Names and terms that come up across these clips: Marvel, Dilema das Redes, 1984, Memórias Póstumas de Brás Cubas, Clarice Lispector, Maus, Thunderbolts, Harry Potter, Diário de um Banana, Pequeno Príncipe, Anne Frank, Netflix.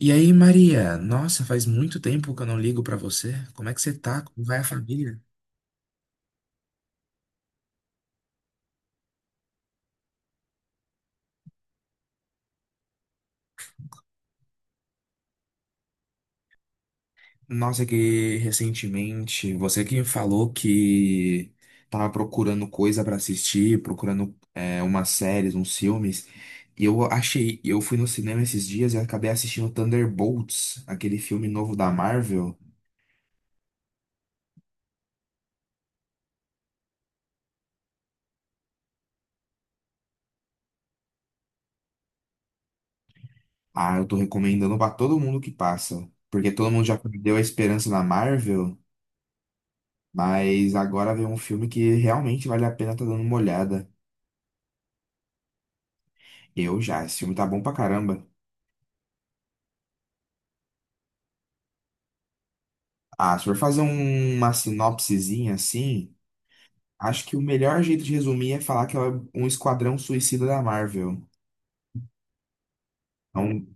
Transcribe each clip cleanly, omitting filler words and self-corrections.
E aí, Maria? Nossa, faz muito tempo que eu não ligo pra você. Como é que você tá? Como vai a família? Nossa, que recentemente você que falou que tava procurando coisa pra assistir, procurando umas séries, uns filmes. Eu fui no cinema esses dias e acabei assistindo Thunderbolts, aquele filme novo da Marvel. Ah, eu tô recomendando pra todo mundo que passa, porque todo mundo já perdeu a esperança na Marvel. Mas agora vem um filme que realmente vale a pena estar dando uma olhada. Eu já, esse filme tá bom pra caramba. Ah, se for fazer uma sinopsezinha assim, acho que o melhor jeito de resumir é falar que é um esquadrão suicida da Marvel. É um,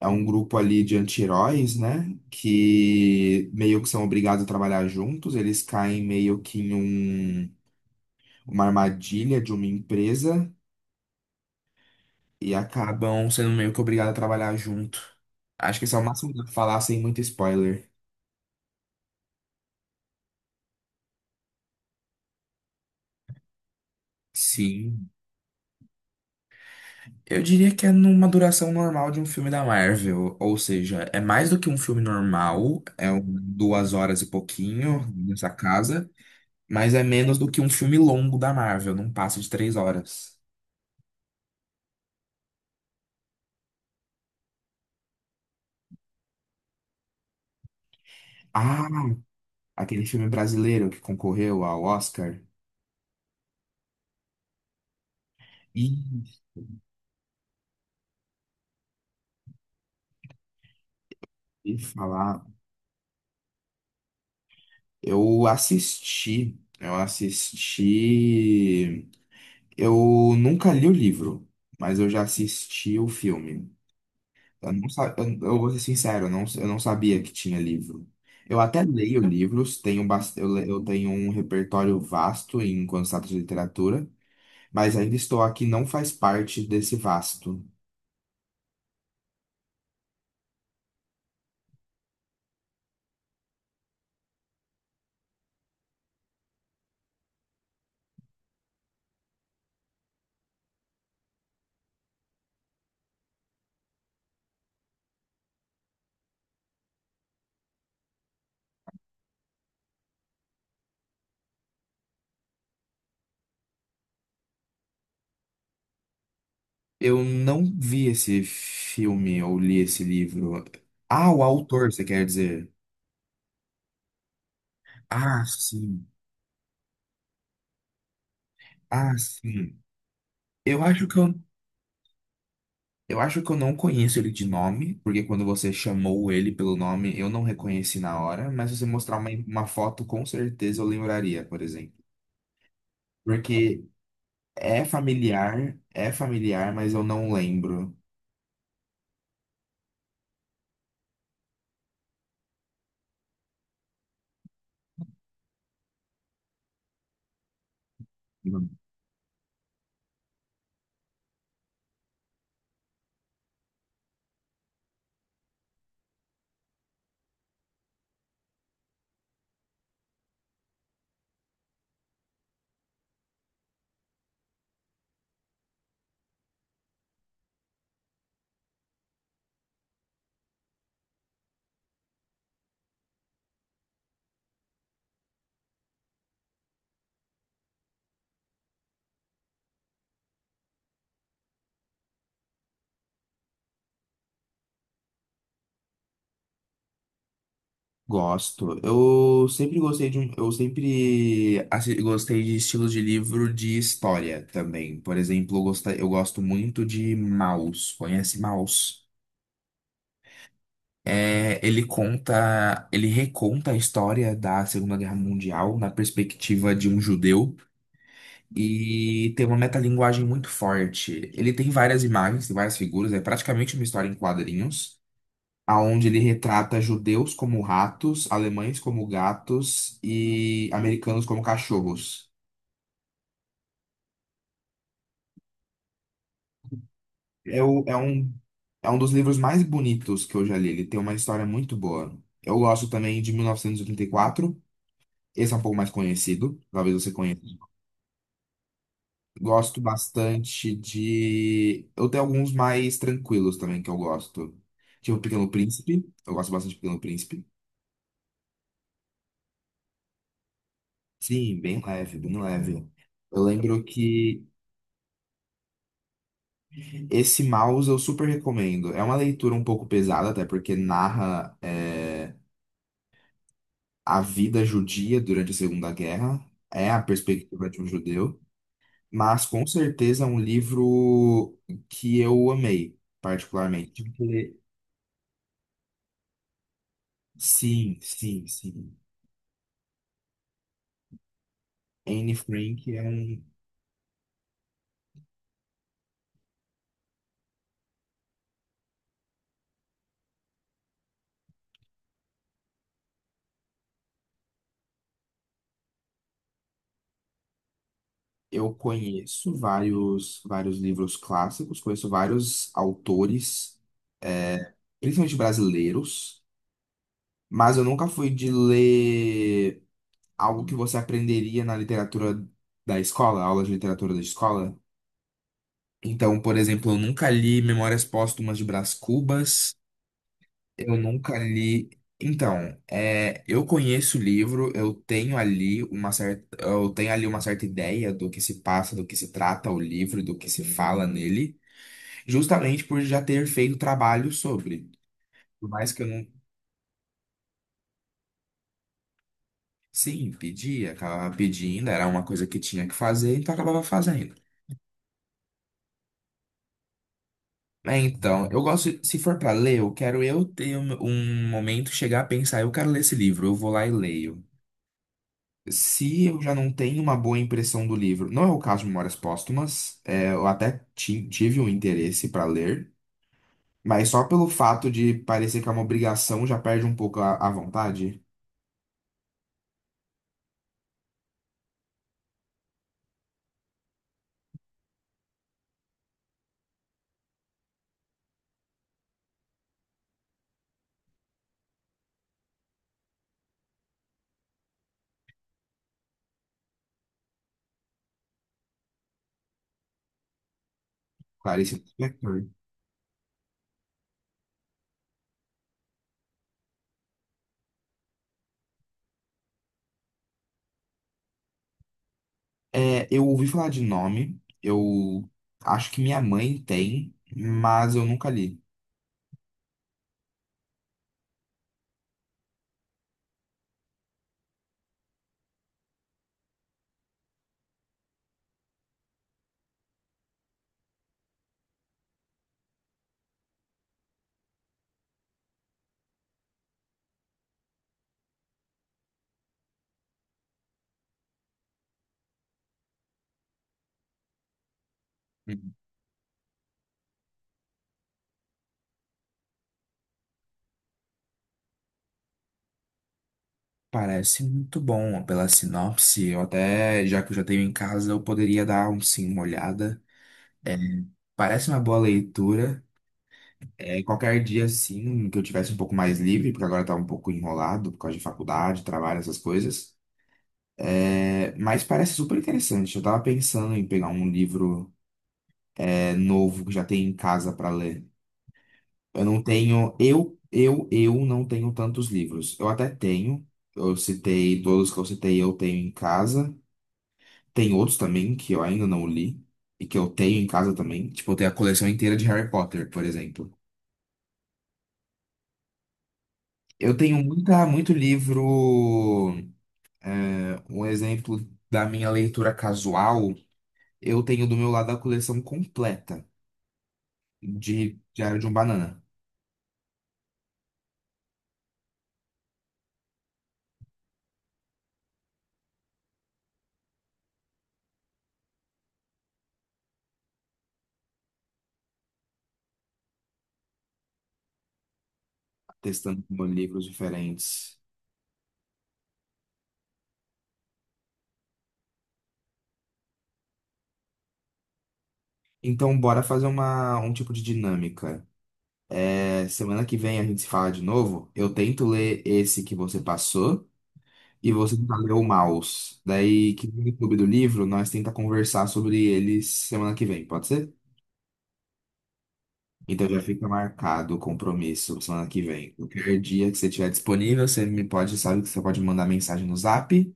é um grupo ali de anti-heróis, né? Que meio que são obrigados a trabalhar juntos. Eles caem meio que em um- uma armadilha de uma empresa e acabam sendo meio que obrigados a trabalhar junto. Acho que esse é o máximo que dá pra falar sem muito spoiler. Sim. Eu diria que é numa duração normal de um filme da Marvel, ou seja, é mais do que um filme normal, é duas horas e pouquinho nessa casa, mas é menos do que um filme longo da Marvel, não passa de três horas. Ah, aquele filme brasileiro que concorreu ao Oscar. Ih, e falar, eu assisti, eu nunca li o livro, mas eu já assisti o filme. Eu vou ser sincero, eu não sabia que tinha livro. Eu até leio livros, tenho, bas- eu, le- eu tenho um repertório vasto em quando se trata de literatura, mas ainda estou aqui, não faz parte desse vasto. Eu não vi esse filme ou li esse livro. Ah, o autor, você quer dizer? Ah, sim. Ah, sim. Eu acho que eu Eu acho que eu não conheço ele de nome, porque quando você chamou ele pelo nome, eu não reconheci na hora, mas se você mostrar uma foto, com certeza eu lembraria, por exemplo. Porque é familiar, mas eu não lembro. Não. Gosto. Eu sempre gostei de estilos de livro de história também. Por exemplo, eu gosto muito de Maus. Conhece Maus? É, ele reconta a história da Segunda Guerra Mundial na perspectiva de um judeu e tem uma metalinguagem muito forte. Ele tem várias imagens, tem várias figuras, é praticamente uma história em quadrinhos, aonde ele retrata judeus como ratos, alemães como gatos e americanos como cachorros. É, o- é um, é um dos livros mais bonitos que eu já li, ele tem uma história muito boa. Eu gosto também de 1984. Esse é um pouco mais conhecido, talvez você conheça. Gosto bastante de. Eu tenho alguns mais tranquilos também que eu gosto. Tipo Pequeno Príncipe. Eu gosto bastante de Pequeno Príncipe. Sim, bem leve. Eu lembro que esse mouse eu super recomendo. É uma leitura um pouco pesada, até porque narra a vida judia durante a Segunda Guerra. É a perspectiva de um judeu. Mas com certeza é um livro que eu amei, particularmente. Sim, sim, sim. Anne Frank é um. Eu conheço vários livros clássicos, conheço vários autores, é, principalmente brasileiros, mas eu nunca fui de ler algo que você aprenderia na literatura da escola, aula de literatura da escola. Então, por exemplo, eu nunca li Memórias Póstumas de Brás Cubas. Eu nunca li. Então, é, eu conheço o livro, eu tenho ali uma certa ideia do que se passa, do que se trata o livro, do que se fala nele, justamente por já ter feito trabalho sobre. Por mais que eu não, sim, pedia, acabava pedindo, era uma coisa que tinha que fazer, então acabava fazendo. É, então, eu gosto, se for para ler, eu quero eu ter um, um momento, chegar a pensar, eu quero ler esse livro, eu vou lá e leio. Se eu já não tenho uma boa impressão do livro, não é o caso de Memórias Póstumas, tive um interesse para ler, mas só pelo fato de parecer que é uma obrigação já perde um pouco a vontade. Clarice Lispector. É, eu ouvi falar de nome, eu acho que minha mãe tem, mas eu nunca li. Uhum. Parece muito bom pela sinopse. Eu até, já que eu já tenho em casa, eu poderia dar um sim, uma olhada. Parece uma boa leitura. É, qualquer dia, assim, que eu tivesse um pouco mais livre, porque agora tá um pouco enrolado por causa de faculdade, trabalho, essas coisas. É, mas parece super interessante. Eu tava pensando em pegar um livro, é, novo que já tem em casa pra ler. Eu não tenho tantos livros. Eu até tenho, eu citei todos que eu citei, eu tenho em casa. Tem outros também que eu ainda não li e que eu tenho em casa também. Tipo, eu tenho a coleção inteira de Harry Potter, por exemplo. Muito livro. É, um exemplo da minha leitura casual, eu tenho do meu lado a coleção completa de Diário de um Banana, testando com livros diferentes. Então, bora fazer um tipo de dinâmica. É, semana que vem a gente se fala de novo. Eu tento ler esse que você passou e você tenta ler o Maus. Daí, que no clube do livro, nós tenta conversar sobre eles semana que vem, pode ser? Então já fica marcado o compromisso semana que vem. Qualquer dia que você estiver disponível, você me pode, sabe que você pode mandar mensagem no Zap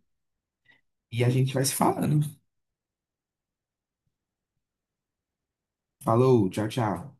e a gente vai se falando. Falou, tchau, tchau.